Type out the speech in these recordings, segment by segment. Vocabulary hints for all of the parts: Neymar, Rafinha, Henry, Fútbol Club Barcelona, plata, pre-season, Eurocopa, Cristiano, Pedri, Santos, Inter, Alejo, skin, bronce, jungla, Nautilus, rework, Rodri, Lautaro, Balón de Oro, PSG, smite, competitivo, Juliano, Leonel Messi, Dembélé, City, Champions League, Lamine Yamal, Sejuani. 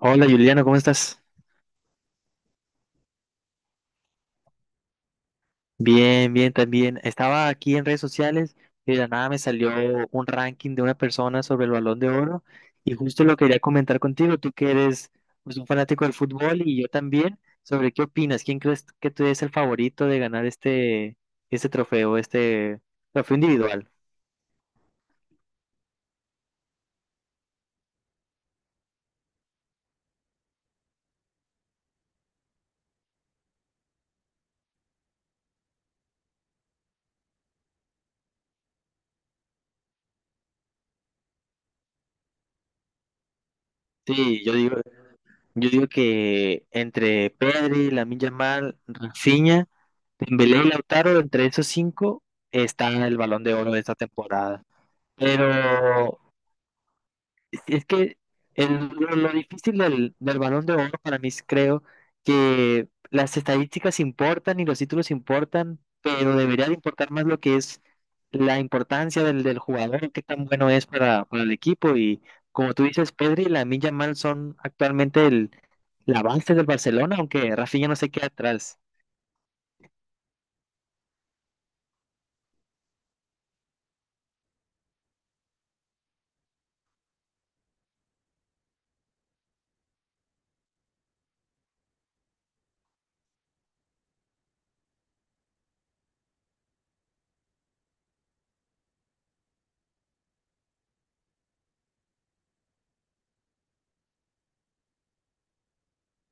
Hola Juliano, ¿cómo estás? Bien, bien, también. Estaba aquí en redes sociales y de la nada me salió un ranking de una persona sobre el Balón de Oro y justo lo quería comentar contigo, tú que eres pues, un fanático del fútbol y yo también, sobre qué opinas, quién crees que tú eres el favorito de ganar este trofeo, este trofeo individual. Sí, yo digo que entre Pedri, Lamine Yamal, Rafinha, Dembélé y Lautaro, entre esos cinco está el Balón de Oro de esta temporada. Pero si es que lo difícil del Balón de Oro para mí es, creo que las estadísticas importan y los títulos importan, pero debería de importar más lo que es la importancia del jugador, qué tan bueno es para el equipo. Y como tú dices, Pedri y Lamine Yamal son actualmente la base del Barcelona, aunque Rafinha no se queda atrás.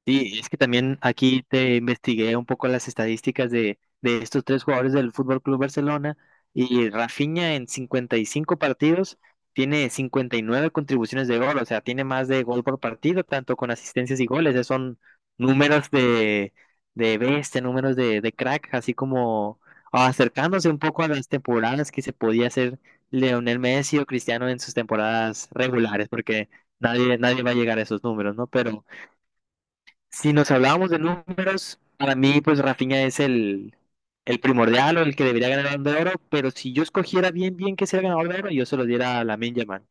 Sí, es que también aquí te investigué un poco las estadísticas de estos tres jugadores del Fútbol Club Barcelona y Rafinha en 55 partidos tiene 59 contribuciones de gol, o sea, tiene más de gol por partido, tanto con asistencias y goles. Esos son números de bestia, números de crack, así como acercándose un poco a las temporadas que se podía hacer Leonel Messi o Cristiano en sus temporadas regulares, porque nadie va a llegar a esos números, ¿no? Pero. Si nos hablábamos de números, para mí, pues Rafinha es el primordial o el que debería ganar el Balón de Oro, pero si yo escogiera bien, bien que sea el ganador de oro, yo se lo diera a Lamine Yamal.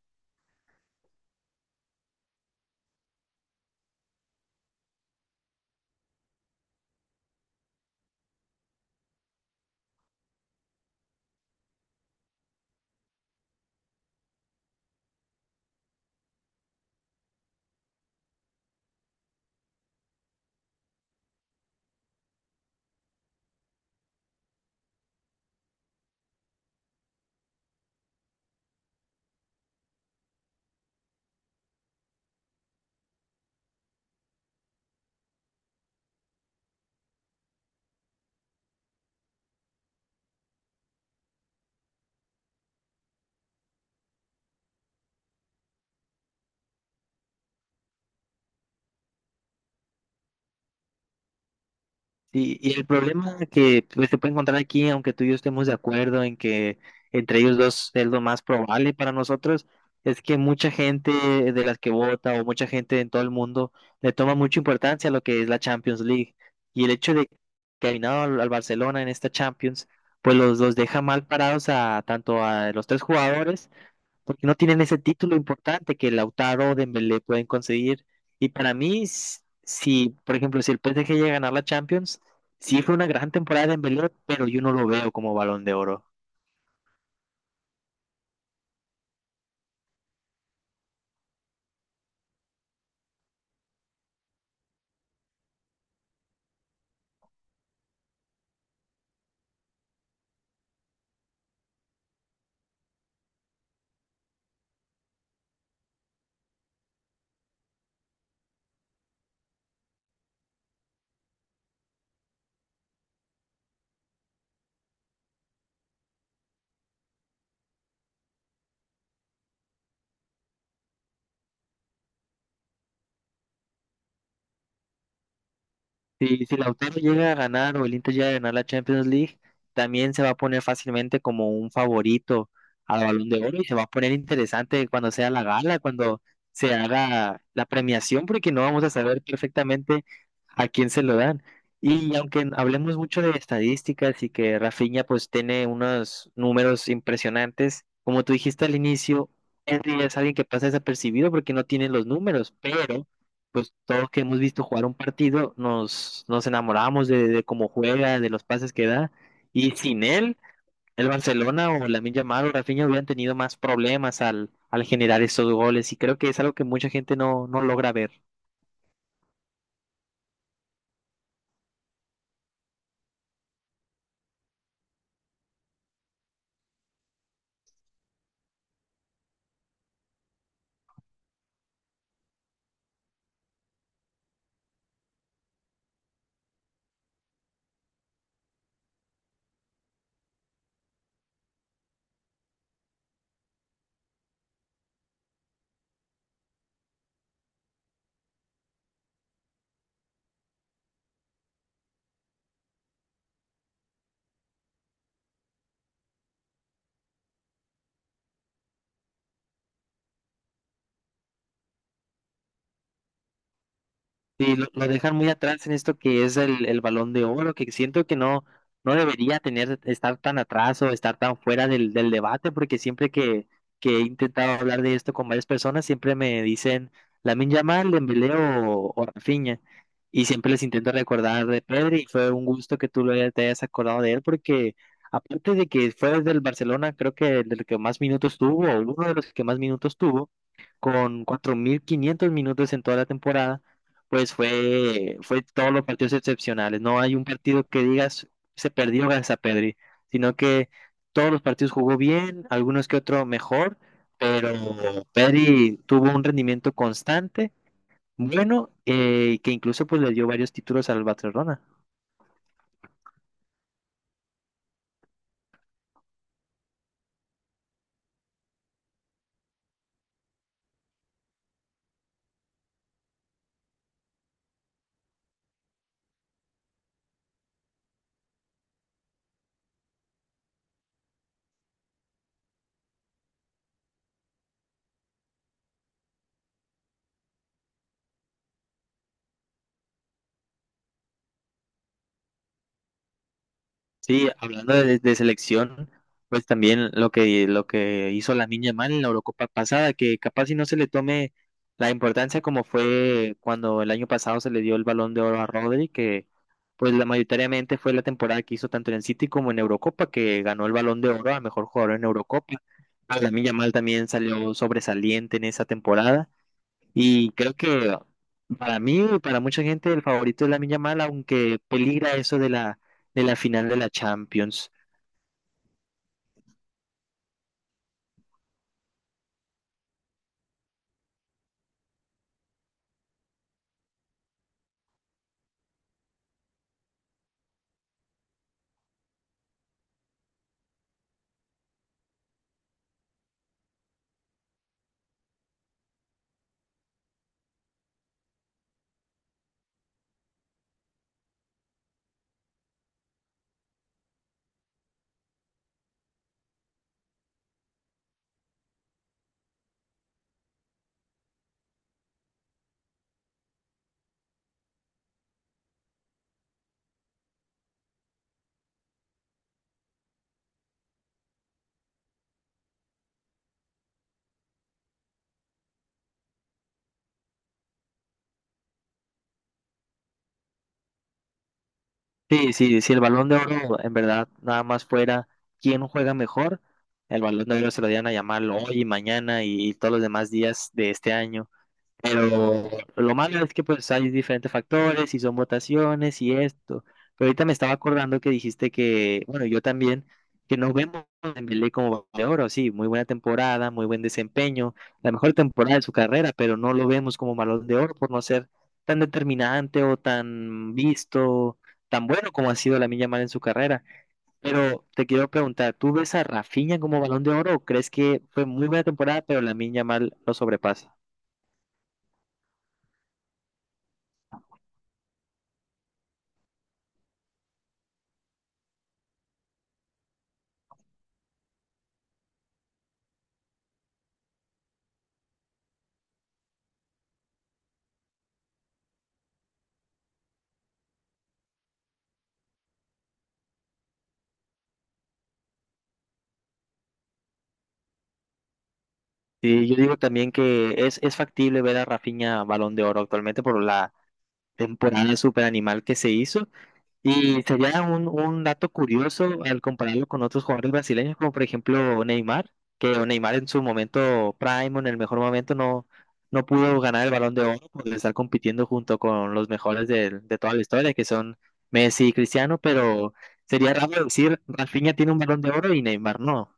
Sí, y el problema que pues, se puede encontrar aquí, aunque tú y yo estemos de acuerdo en que entre ellos dos es lo más probable para nosotros, es que mucha gente de las que vota o mucha gente en todo el mundo le toma mucha importancia a lo que es la Champions League. Y el hecho de que ha eliminado al Barcelona en esta Champions, pues los deja mal parados a tanto a los tres jugadores porque no tienen ese título importante que Lautaro o Dembélé pueden conseguir. Y para mí, si, por ejemplo, si el PSG llega a ganar la Champions, sí fue una gran temporada de Dembélé, pero yo no lo veo como Balón de Oro. Si, si Lautaro llega a ganar o el Inter llega a ganar la Champions League, también se va a poner fácilmente como un favorito al Balón de Oro y se va a poner interesante cuando sea la gala, cuando se haga la premiación, porque no vamos a saber perfectamente a quién se lo dan. Y aunque hablemos mucho de estadísticas y que Rafinha pues tiene unos números impresionantes, como tú dijiste al inicio, Henry es alguien que pasa desapercibido porque no tiene los números, pero pues todos que hemos visto jugar un partido, nos enamoramos de cómo juega, de los pases que da, y sin él, el Barcelona o Lamine Yamal o Rafinha hubieran tenido más problemas al generar esos goles, y creo que es algo que mucha gente no logra ver. Sí, lo dejan muy atrás en esto que es el Balón de Oro, que siento que no debería tener, estar tan atrás o estar tan fuera del debate, porque siempre que he intentado hablar de esto con varias personas, siempre me dicen Lamine Yamal, Dembélé o Rafinha, y siempre les intento recordar de Pedri, y fue un gusto que tú lo te hayas acordado de él, porque aparte de que fue del Barcelona, creo que del que más minutos tuvo, o uno de los que más minutos tuvo, con 4500 minutos en toda la temporada, pues fue, fue todos los partidos excepcionales. No hay un partido que digas se perdió gracias a Pedri, sino que todos los partidos jugó bien, algunos que otro mejor, pero Pedri tuvo un rendimiento constante, bueno, que incluso pues le dio varios títulos al Barcelona. Sí, hablando de selección, pues también lo que hizo la niña mal en la Eurocopa pasada, que capaz si no se le tome la importancia como fue cuando el año pasado se le dio el Balón de Oro a Rodri, que pues la mayoritariamente fue la temporada que hizo tanto en el City como en Eurocopa, que ganó el Balón de Oro a mejor jugador en Eurocopa. La niña mal también salió sobresaliente en esa temporada. Y creo que para mí y para mucha gente el favorito es Lamine Yamal, aunque peligra eso de de la final de la Champions. Sí, sí, si el Balón de Oro en verdad nada más fuera quién juega mejor, el Balón de Oro se lo dieran a Yamal hoy y mañana y todos los demás días de este año. Pero lo malo es que pues hay diferentes factores y son votaciones y esto. Pero ahorita me estaba acordando que dijiste que, bueno, yo también, que nos vemos en Dembélé como Balón de oro, sí, muy buena temporada, muy buen desempeño, la mejor temporada de su carrera, pero no lo vemos como Balón de oro por no ser tan determinante o tan visto, tan bueno como ha sido la Yamal en su carrera. Pero te quiero preguntar, ¿tú ves a Rafinha como Balón de oro o crees que fue muy buena temporada, pero la Yamal lo sobrepasa? Sí, yo digo también que es factible ver a Rafinha Balón de Oro actualmente por la temporada super animal que se hizo. Y sería un dato curioso al compararlo con otros jugadores brasileños, como por ejemplo Neymar, que Neymar en su momento prime, o en el mejor momento, no pudo ganar el Balón de Oro por estar compitiendo junto con los mejores de toda la historia, que son Messi y Cristiano, pero sería raro decir Rafinha tiene un Balón de Oro y Neymar no.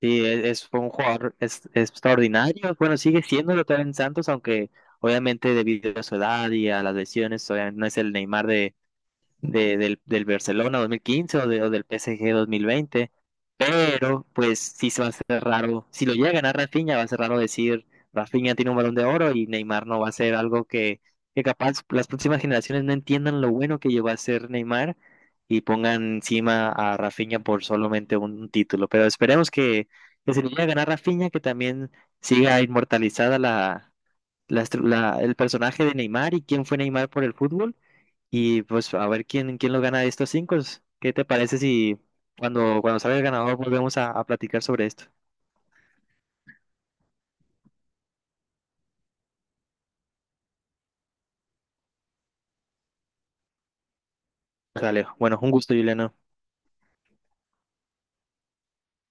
Sí, fue un jugador extraordinario. Bueno, sigue siendo lo en Santos, aunque obviamente debido a su edad y a las lesiones, obviamente no es el Neymar del Barcelona 2015 o del PSG 2020, pero pues sí se va a hacer raro, si lo llega a ganar Rafinha, va a ser raro decir Rafinha tiene un balón de oro y Neymar no va a ser algo que capaz las próximas generaciones no entiendan lo bueno que llegó a ser Neymar y pongan encima a Rafinha por solamente un título, pero esperemos que se lo llega a ganar Rafinha, que también siga inmortalizada la la el personaje de Neymar y quién fue Neymar por el fútbol y pues a ver quién lo gana de estos cinco. ¿Qué te parece si cuando salga el ganador volvemos a platicar sobre esto? Pues, Alejo. Bueno, un gusto, Juliano.